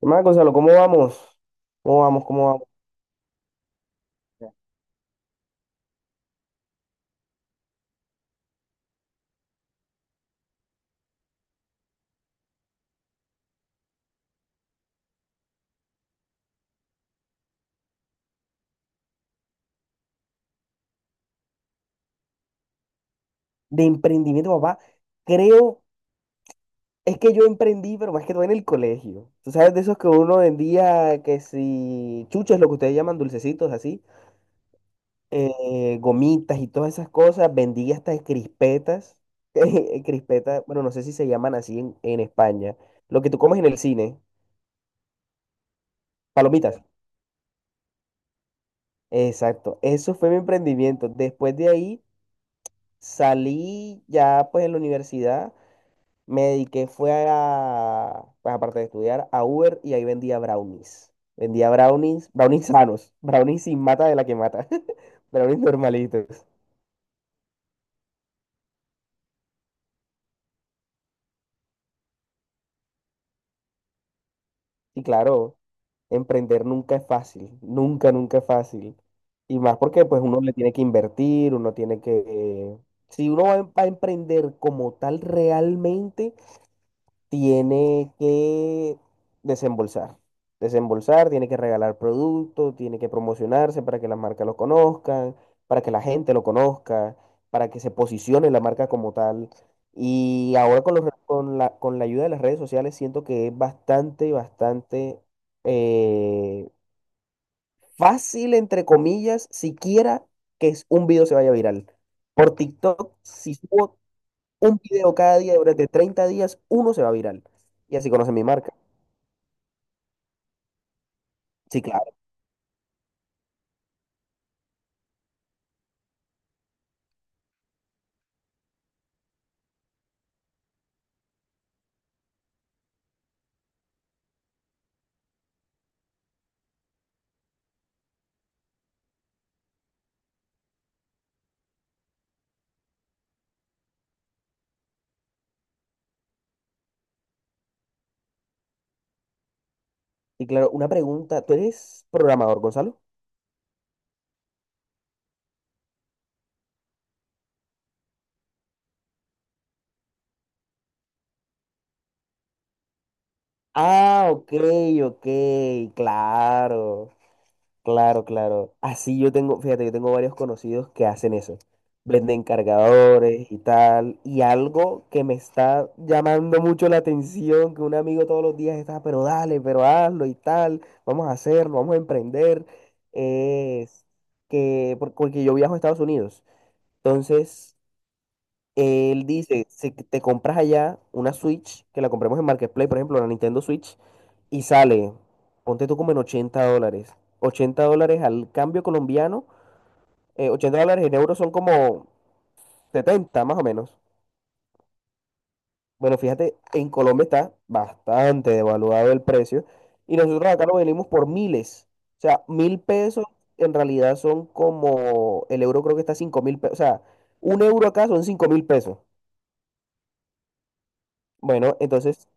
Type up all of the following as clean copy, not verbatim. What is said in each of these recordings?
¿Qué más, Gonzalo? ¿Cómo vamos? ¿Cómo vamos? ¿Cómo vamos? De emprendimiento, papá. Creo, es que yo emprendí, pero más que todo en el colegio. Tú sabes de esos que uno vendía, que si chuches, lo que ustedes llaman dulcecitos, así, gomitas y todas esas cosas. Vendí hasta crispetas. Crispetas, bueno, no sé si se llaman así en España. Lo que tú comes en el cine, palomitas. Exacto, eso fue mi emprendimiento. Después de ahí salí ya pues en la universidad. Me dediqué, pues aparte de estudiar, a Uber y ahí vendía brownies. Vendía brownies, brownies sanos, brownies sin mata de la que mata, brownies normalitos. Y claro, emprender nunca es fácil, nunca, nunca es fácil. Y más porque pues uno le tiene que invertir, uno tiene que, si uno va a emprender como tal realmente, tiene que desembolsar. Desembolsar, tiene que regalar productos, tiene que promocionarse para que las marcas lo conozcan, para que la gente lo conozca, para que se posicione la marca como tal. Y ahora con, los re- con la ayuda de las redes sociales siento que es bastante, bastante eh, fácil, entre comillas, siquiera que un video se vaya viral. Por TikTok, si subo un video cada día durante 30 días, uno se va viral. Y así conocen mi marca. Sí, claro. Y claro, una pregunta. ¿Tú eres programador, Gonzalo? Ah, ok, ok, claro. Claro, claro. Así yo tengo, fíjate, yo tengo varios conocidos que hacen eso. Venden cargadores y tal. Y algo que me está llamando mucho la atención, que un amigo todos los días está, pero dale, pero hazlo y tal. Vamos a hacerlo, vamos a emprender. Es que, porque yo viajo a Estados Unidos. Entonces, él dice, si te compras allá una Switch, que la compremos en Marketplace, por ejemplo, la Nintendo Switch, y sale, ponte tú como en $80. $80 al cambio colombiano, $80 en euros son como 70 más o menos. Bueno, fíjate, en Colombia está bastante devaluado el precio y nosotros acá lo venimos por miles. O sea, 1.000 pesos en realidad son como, el euro creo que está 5.000 pesos, o sea, un euro acá son 5.000 pesos. Bueno, entonces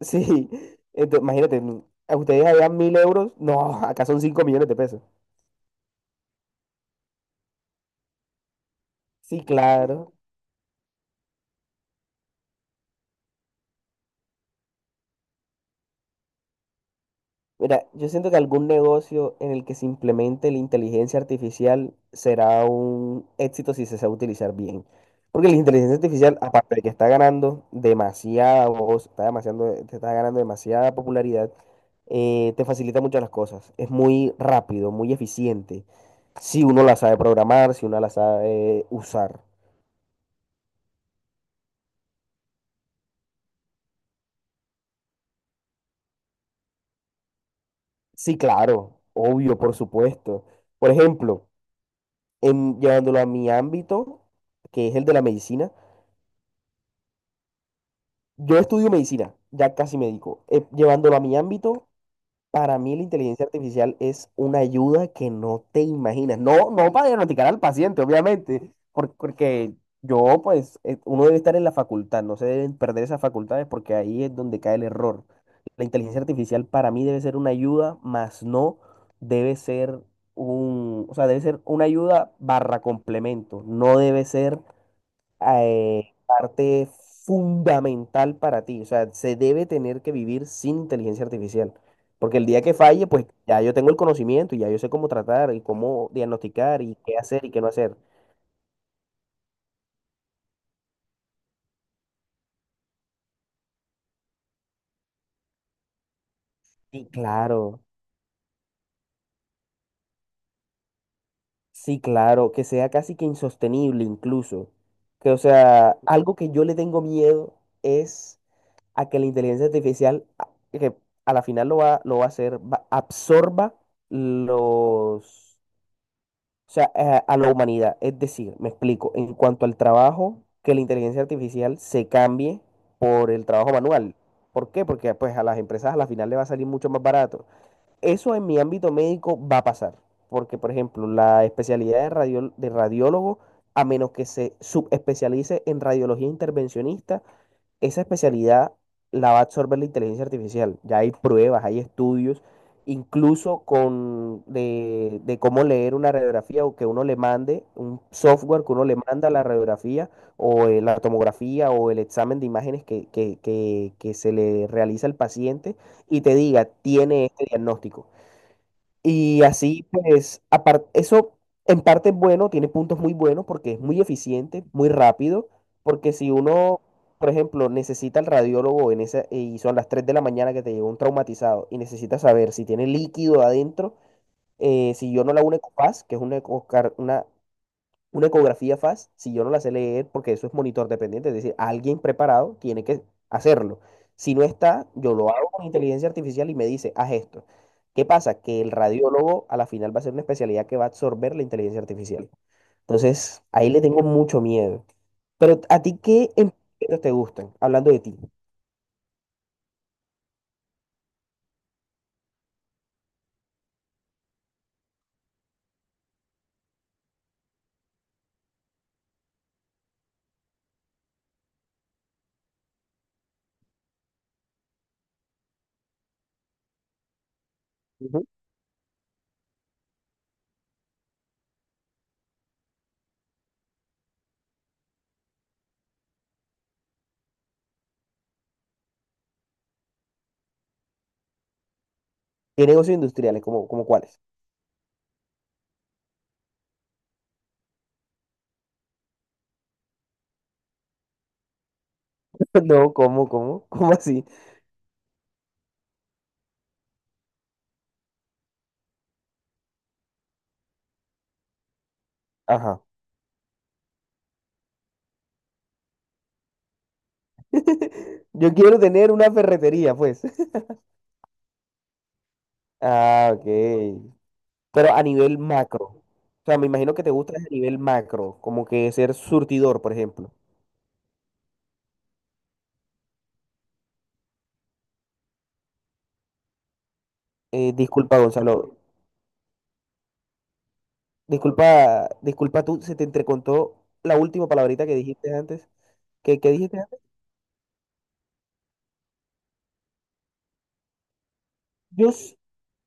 sí, entonces, imagínate, a ustedes allá 1.000 euros, no, acá son 5 millones de pesos. Sí, claro. Mira, yo siento que algún negocio en el que se implemente la inteligencia artificial será un éxito si se sabe utilizar bien. Porque la inteligencia artificial, aparte de que está ganando demasiada voz, está demasiado, te está ganando demasiada popularidad, te facilita muchas las cosas. Es muy rápido, muy eficiente. Si uno la sabe programar, si uno la sabe usar. Sí, claro, obvio, por supuesto. Por ejemplo, llevándolo a mi ámbito, que es el de la medicina, yo estudio medicina, ya casi médico. Llevándolo a mi ámbito, para mí la inteligencia artificial es una ayuda que no te imaginas. No, no para diagnosticar al paciente, obviamente, porque uno debe estar en la facultad, no se deben perder esas facultades porque ahí es donde cae el error. La inteligencia artificial para mí debe ser una ayuda, más no debe ser o sea, debe ser una ayuda barra complemento. No debe ser parte fundamental para ti. O sea, se debe tener que vivir sin inteligencia artificial. Porque el día que falle, pues ya yo tengo el conocimiento y ya yo sé cómo tratar y cómo diagnosticar y qué hacer y qué no hacer. Sí, claro, sí, claro, que sea casi que insostenible incluso. Que, o sea, algo que yo le tengo miedo es a que la inteligencia artificial, que a la final lo va a hacer, absorba los. O sea, a la humanidad. Es decir, me explico, en cuanto al trabajo, que la inteligencia artificial se cambie por el trabajo manual. ¿Por qué? Porque pues a las empresas a la final le va a salir mucho más barato. Eso en mi ámbito médico va a pasar, porque por ejemplo, la especialidad de radiólogo, a menos que se subespecialice en radiología intervencionista, esa especialidad la va a absorber la inteligencia artificial. Ya hay pruebas, hay estudios, incluso de cómo leer una radiografía o que uno le mande, un software que uno le manda la radiografía o la tomografía o el examen de imágenes que se le realiza al paciente y te diga, tiene este diagnóstico. Y así, pues, aparte, eso en parte es bueno, tiene puntos muy buenos porque es muy eficiente, muy rápido, porque si uno, por ejemplo, necesita el radiólogo y son las 3 de la mañana que te llegó un traumatizado y necesita saber si tiene líquido adentro, si yo no la una ECOPAS, que es una, ecocar- una ecografía FAS, si yo no la sé leer, porque eso es monitor dependiente, es decir, alguien preparado tiene que hacerlo. Si no está, yo lo hago con inteligencia artificial y me dice, haz esto. ¿Qué pasa? Que el radiólogo a la final va a ser una especialidad que va a absorber la inteligencia artificial. Entonces, ahí le tengo mucho miedo. Pero a ti, ¿qué emprendimientos te gustan? Hablando de ti. Ujú. ¿Qué negocios industriales? ¿Cómo cuáles? No, ¿cómo? ¿Cómo así? Ajá. Yo quiero tener una ferretería, pues. Ah, ok. Pero a nivel macro. O sea, me imagino que te gusta a nivel macro, como que ser surtidor, por ejemplo. Disculpa, Gonzalo. Disculpa, disculpa tú, se te entrecontó la última palabrita que dijiste antes. ¿Qué dijiste antes? Yo, s-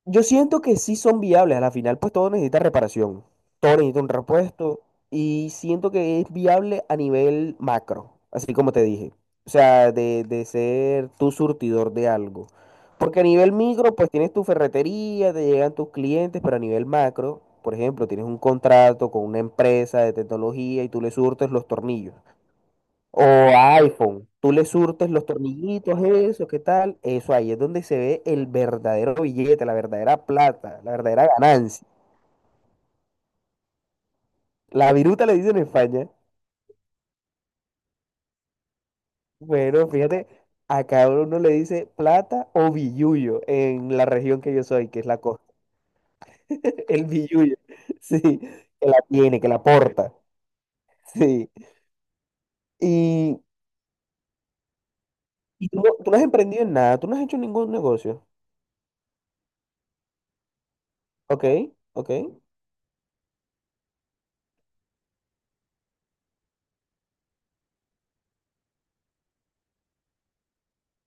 Yo siento que sí son viables. A la final, pues todo necesita reparación. Todo necesita un repuesto. Y siento que es viable a nivel macro, así como te dije. O sea, de ser tu surtidor de algo. Porque a nivel micro, pues tienes tu ferretería, te llegan tus clientes, pero a nivel macro, por ejemplo, tienes un contrato con una empresa de tecnología y tú le surtes los tornillos. O a iPhone, tú le surtes los tornillitos, eso, ¿qué tal? Eso ahí es donde se ve el verdadero billete, la verdadera plata, la verdadera ganancia. La viruta le dicen en España. Bueno, fíjate, a cada uno le dice plata o billuyo en la región que yo soy, que es la costa. El billuyo, sí, que la tiene, que la porta, sí. Y, y tú no has emprendido en nada, tú no has hecho ningún negocio, ¿ok? ¿Ok?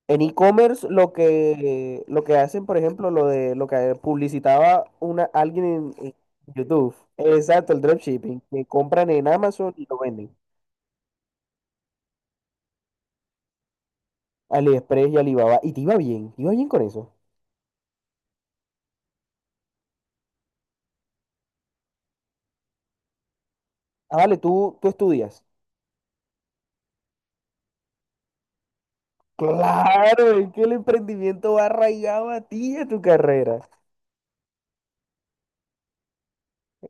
En e-commerce lo que hacen, por ejemplo, lo de lo que publicitaba alguien en YouTube. Exacto, el dropshipping, que compran en Amazon y lo venden. AliExpress y Alibaba. Y te iba bien con eso. Ah, vale, tú estudias. Claro, es que el emprendimiento va arraigado a ti y a tu carrera.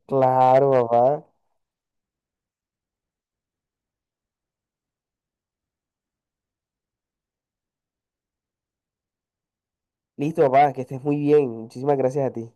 Claro, papá. Listo, papá, que estés muy bien. Muchísimas gracias a ti.